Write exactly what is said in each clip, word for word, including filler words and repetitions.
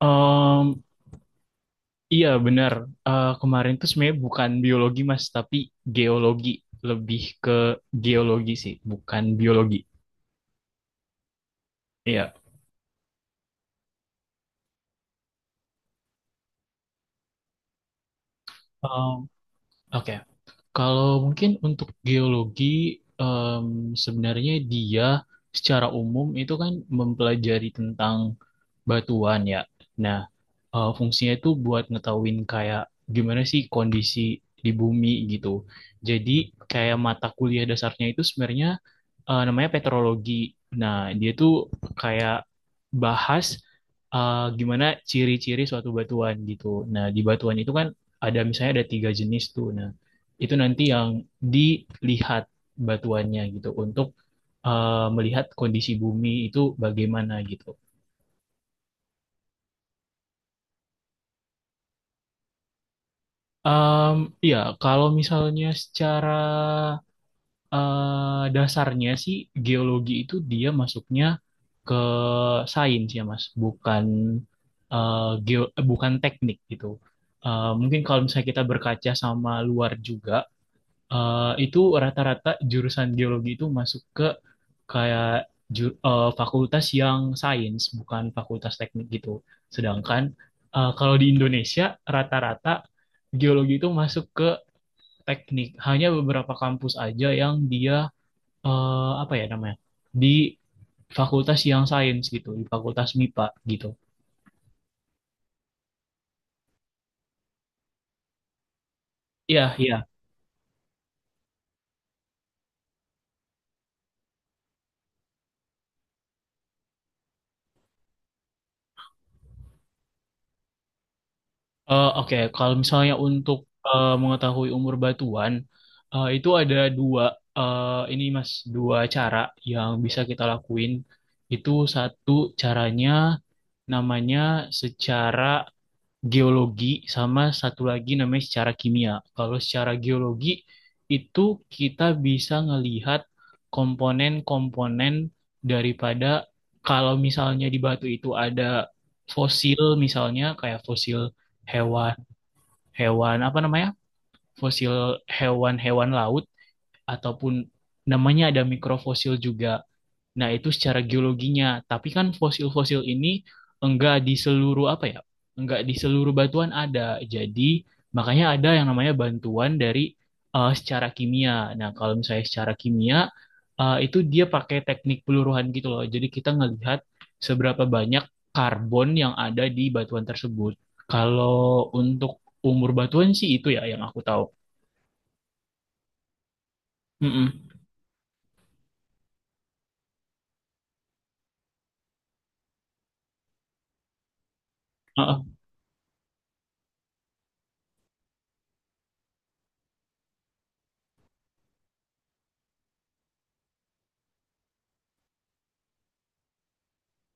Em, iya benar. Eh, kemarin tuh sebenarnya bukan biologi Mas, tapi geologi. Lebih ke geologi sih, bukan biologi. Iya. Em, Oke. Kalau mungkin untuk geologi, em, sebenarnya dia secara umum itu kan mempelajari tentang batuan ya. Nah, eh, fungsinya itu buat ngetahuin kayak gimana sih kondisi di bumi gitu. Jadi kayak mata kuliah dasarnya itu sebenarnya eh, namanya petrologi. Nah, dia tuh kayak bahas eh, gimana ciri-ciri suatu batuan gitu. Nah, di batuan itu kan ada misalnya ada tiga jenis tuh. Nah, itu nanti yang dilihat batuannya gitu untuk eh, melihat kondisi bumi itu bagaimana gitu. Iya, ya, kalau misalnya secara eh, dasarnya sih geologi itu dia masuknya ke eh, sains ya Mas, bukan eh, geo, eh, bukan teknik gitu. Eh, mungkin kalau misalnya kita berkaca sama luar juga, eh, itu rata-rata jurusan geologi itu masuk ke kayak ju- eh, fakultas yang sains, bukan fakultas teknik gitu. Sedangkan eh, kalau di Indonesia rata-rata geologi itu masuk ke teknik. Hanya beberapa kampus aja yang dia eh, apa ya namanya? Di fakultas yang sains gitu, di fakultas MIPA gitu. Iya, iya. Eh, Oke. Kalau misalnya untuk eh, mengetahui umur batuan, eh, itu ada dua eh, ini Mas, dua cara yang bisa kita lakuin. Itu satu caranya namanya secara geologi sama satu lagi namanya secara kimia. Kalau secara geologi itu kita bisa ngelihat komponen-komponen daripada kalau misalnya di batu itu ada fosil misalnya kayak fosil hewan hewan apa namanya? Fosil hewan-hewan laut ataupun namanya ada mikrofosil juga. Nah, itu secara geologinya. Tapi kan fosil-fosil ini enggak di seluruh apa ya? Enggak di seluruh batuan ada. Jadi, makanya ada yang namanya bantuan dari eh, secara kimia. Nah, kalau misalnya secara kimia eh, itu dia pakai teknik peluruhan gitu loh. Jadi, kita ngelihat seberapa banyak karbon yang ada di batuan tersebut. Kalau untuk umur batuan sih itu ya yang aku tahu. Mm-mm. Heeh.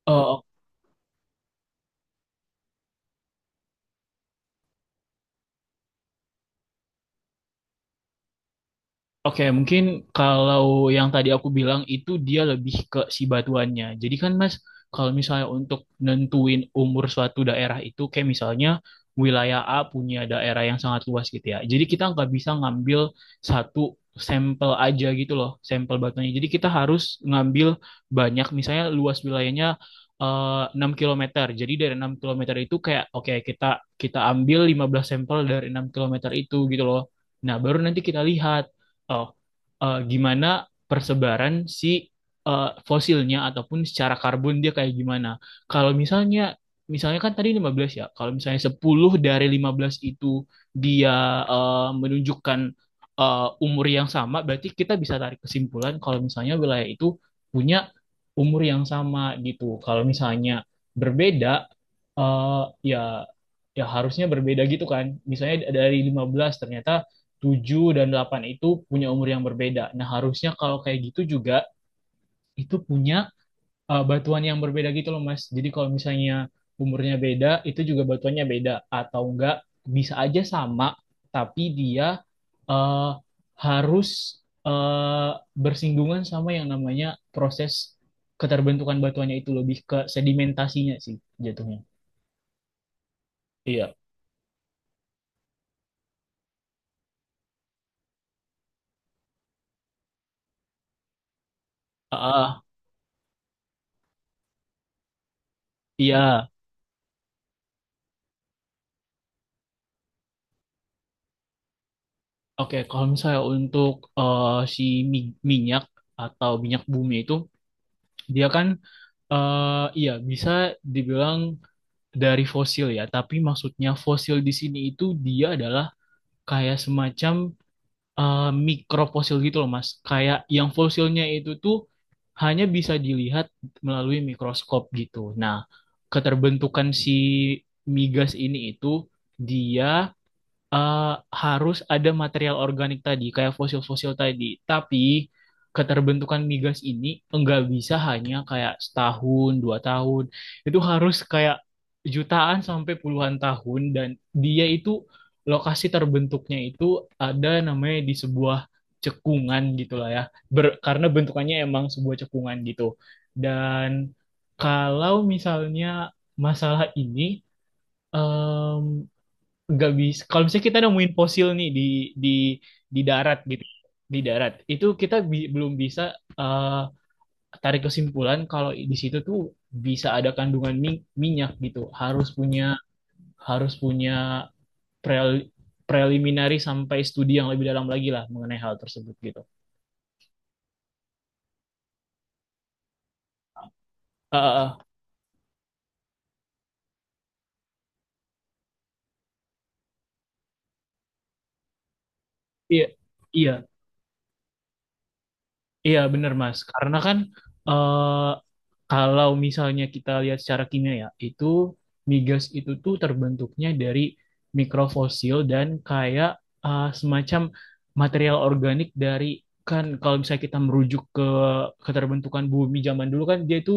Eh, Oke, mungkin kalau yang tadi aku bilang itu dia lebih ke si batuannya. Jadi kan Mas, kalau misalnya untuk nentuin umur suatu daerah itu kayak misalnya wilayah A punya daerah yang sangat luas gitu ya. Jadi kita nggak bisa ngambil satu sampel aja gitu loh, sampel batuannya. Jadi kita harus ngambil banyak, misalnya luas wilayahnya eh, enam kilometer. Jadi dari enam kilometer itu kayak oke, kita kita ambil lima belas sampel dari enam kilometer itu gitu loh. Nah, baru nanti kita lihat oh, eh, gimana persebaran si eh, fosilnya ataupun secara karbon dia kayak gimana. Kalau misalnya misalnya kan tadi lima belas ya. Kalau misalnya sepuluh dari lima belas itu dia eh, menunjukkan eh, umur yang sama, berarti kita bisa tarik kesimpulan kalau misalnya wilayah itu punya umur yang sama gitu. Kalau misalnya berbeda eh, ya, ya harusnya berbeda gitu kan. Misalnya dari lima belas ternyata tujuh dan delapan itu punya umur yang berbeda. Nah, harusnya kalau kayak gitu juga itu punya eh, batuan yang berbeda gitu loh, Mas. Jadi kalau misalnya umurnya beda, itu juga batuannya beda atau enggak bisa aja sama, tapi dia eh, harus eh, bersinggungan sama yang namanya proses keterbentukan batuannya itu lebih ke sedimentasinya sih jatuhnya. Iya. Ah, ah, iya. Oke, kalau misalnya untuk eh, si mi- minyak atau minyak bumi itu, dia kan eh iya bisa dibilang dari fosil ya, tapi maksudnya fosil di sini itu dia adalah kayak semacam eh, mikrofosil gitu loh, Mas. Kayak yang fosilnya itu tuh hanya bisa dilihat melalui mikroskop gitu. Nah, keterbentukan si migas ini itu dia eh, harus ada material organik tadi, kayak fosil-fosil tadi. Tapi keterbentukan migas ini enggak bisa hanya kayak setahun, dua tahun. Itu harus kayak jutaan sampai puluhan tahun dan dia itu lokasi terbentuknya itu ada namanya di sebuah cekungan gitulah ya. Ber- karena bentukannya emang sebuah cekungan gitu. Dan kalau misalnya masalah ini nggak bisa kalau misalnya kita nemuin fosil nih di di di darat gitu, di darat itu kita bi- belum bisa eh, tarik kesimpulan kalau di situ tuh bisa ada kandungan mi- minyak gitu. Harus punya harus punya prel- preliminary sampai studi yang lebih dalam lagi lah mengenai hal tersebut gitu. Eh, eh, eh. Iya, iya. Iya bener Mas, karena kan eh, kalau misalnya kita lihat secara kimia ya, itu migas itu tuh terbentuknya dari mikrofosil dan kayak eh, semacam material organik dari kan kalau misalnya kita merujuk ke keterbentukan bumi zaman dulu kan dia itu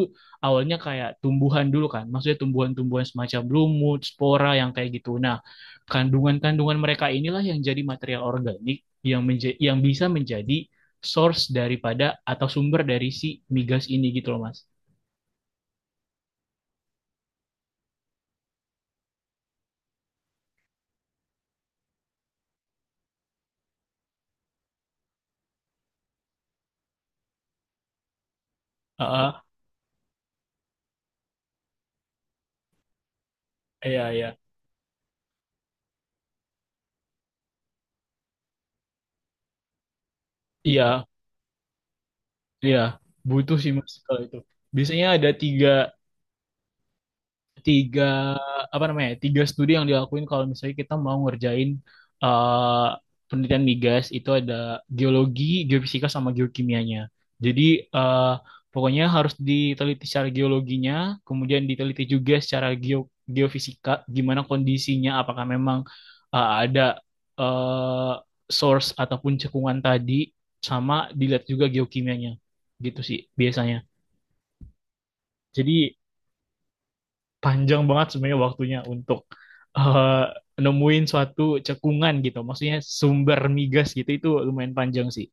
awalnya kayak tumbuhan dulu kan, maksudnya tumbuhan-tumbuhan semacam lumut, spora yang kayak gitu. Nah, kandungan-kandungan mereka inilah yang jadi material organik yang menja- yang bisa menjadi source daripada atau sumber dari si migas ini gitu loh Mas. Ah, ah, iya, iya, iya, iya, butuh sih Mas kalau itu. Biasanya ada tiga tiga apa namanya tiga studi yang dilakuin kalau misalnya kita mau ngerjain eh, penelitian migas itu ada geologi, geofisika sama geokimianya. Jadi eh, pokoknya harus diteliti secara geologinya, kemudian diteliti juga secara geo- geofisika gimana kondisinya, apakah memang eh, ada eh, source ataupun cekungan tadi, sama dilihat juga geokimianya, gitu sih biasanya. Jadi panjang banget sebenarnya waktunya untuk eh, nemuin suatu cekungan gitu. Maksudnya sumber migas gitu itu lumayan panjang sih.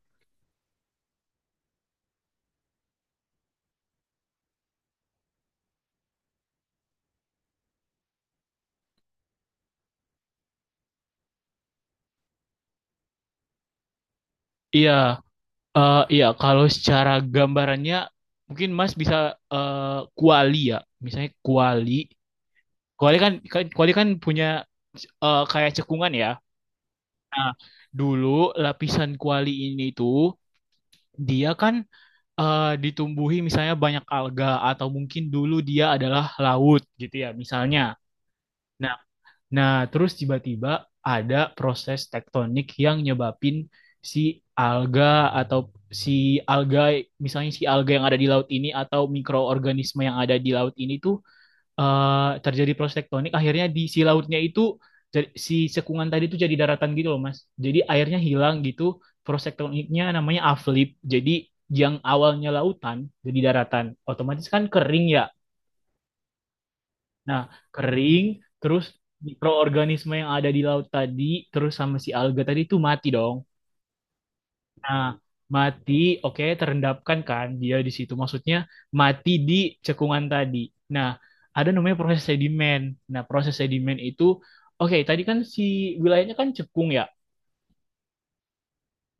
Iya, eh, iya kalau secara gambarannya mungkin Mas bisa eh, kuali ya. Misalnya kuali. Kuali kan kan, kuali kan punya eh, kayak cekungan ya. Nah, dulu lapisan kuali ini tuh dia kan eh, ditumbuhi misalnya banyak alga atau mungkin dulu dia adalah laut gitu ya misalnya. Nah, Nah, terus tiba-tiba ada proses tektonik yang nyebabin si alga atau si alga, misalnya si alga yang ada di laut ini atau mikroorganisme yang ada di laut ini tuh eh, terjadi proses tektonik. Akhirnya di si lautnya itu jadi- si cekungan tadi tuh jadi daratan gitu loh, Mas. Jadi airnya hilang gitu. Proses tektoniknya namanya uplift. Jadi yang awalnya lautan jadi daratan. Otomatis kan kering ya. Nah, kering, terus mikroorganisme yang ada di laut tadi, terus sama si alga tadi itu mati dong. Nah, mati, oke, terendapkan kan dia di situ. Maksudnya mati di cekungan tadi. Nah, ada namanya proses sedimen. Nah, proses sedimen itu, oke, tadi kan si wilayahnya kan cekung ya.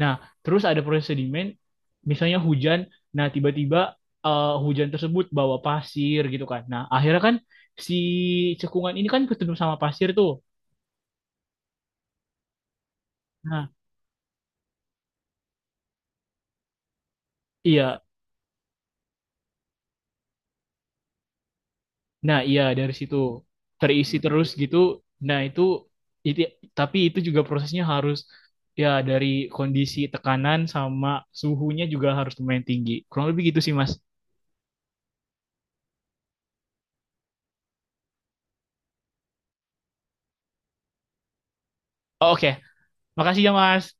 Nah, terus ada proses sedimen, misalnya hujan, nah tiba-tiba eh, hujan tersebut bawa pasir gitu kan. Nah, akhirnya kan si cekungan ini kan ketemu sama pasir tuh. Nah, iya, nah iya dari situ terisi terus gitu. Nah itu, itu tapi itu juga prosesnya harus ya dari kondisi tekanan sama suhunya juga harus lumayan tinggi. Kurang lebih gitu sih Mas. Oh, oke, makasih ya Mas.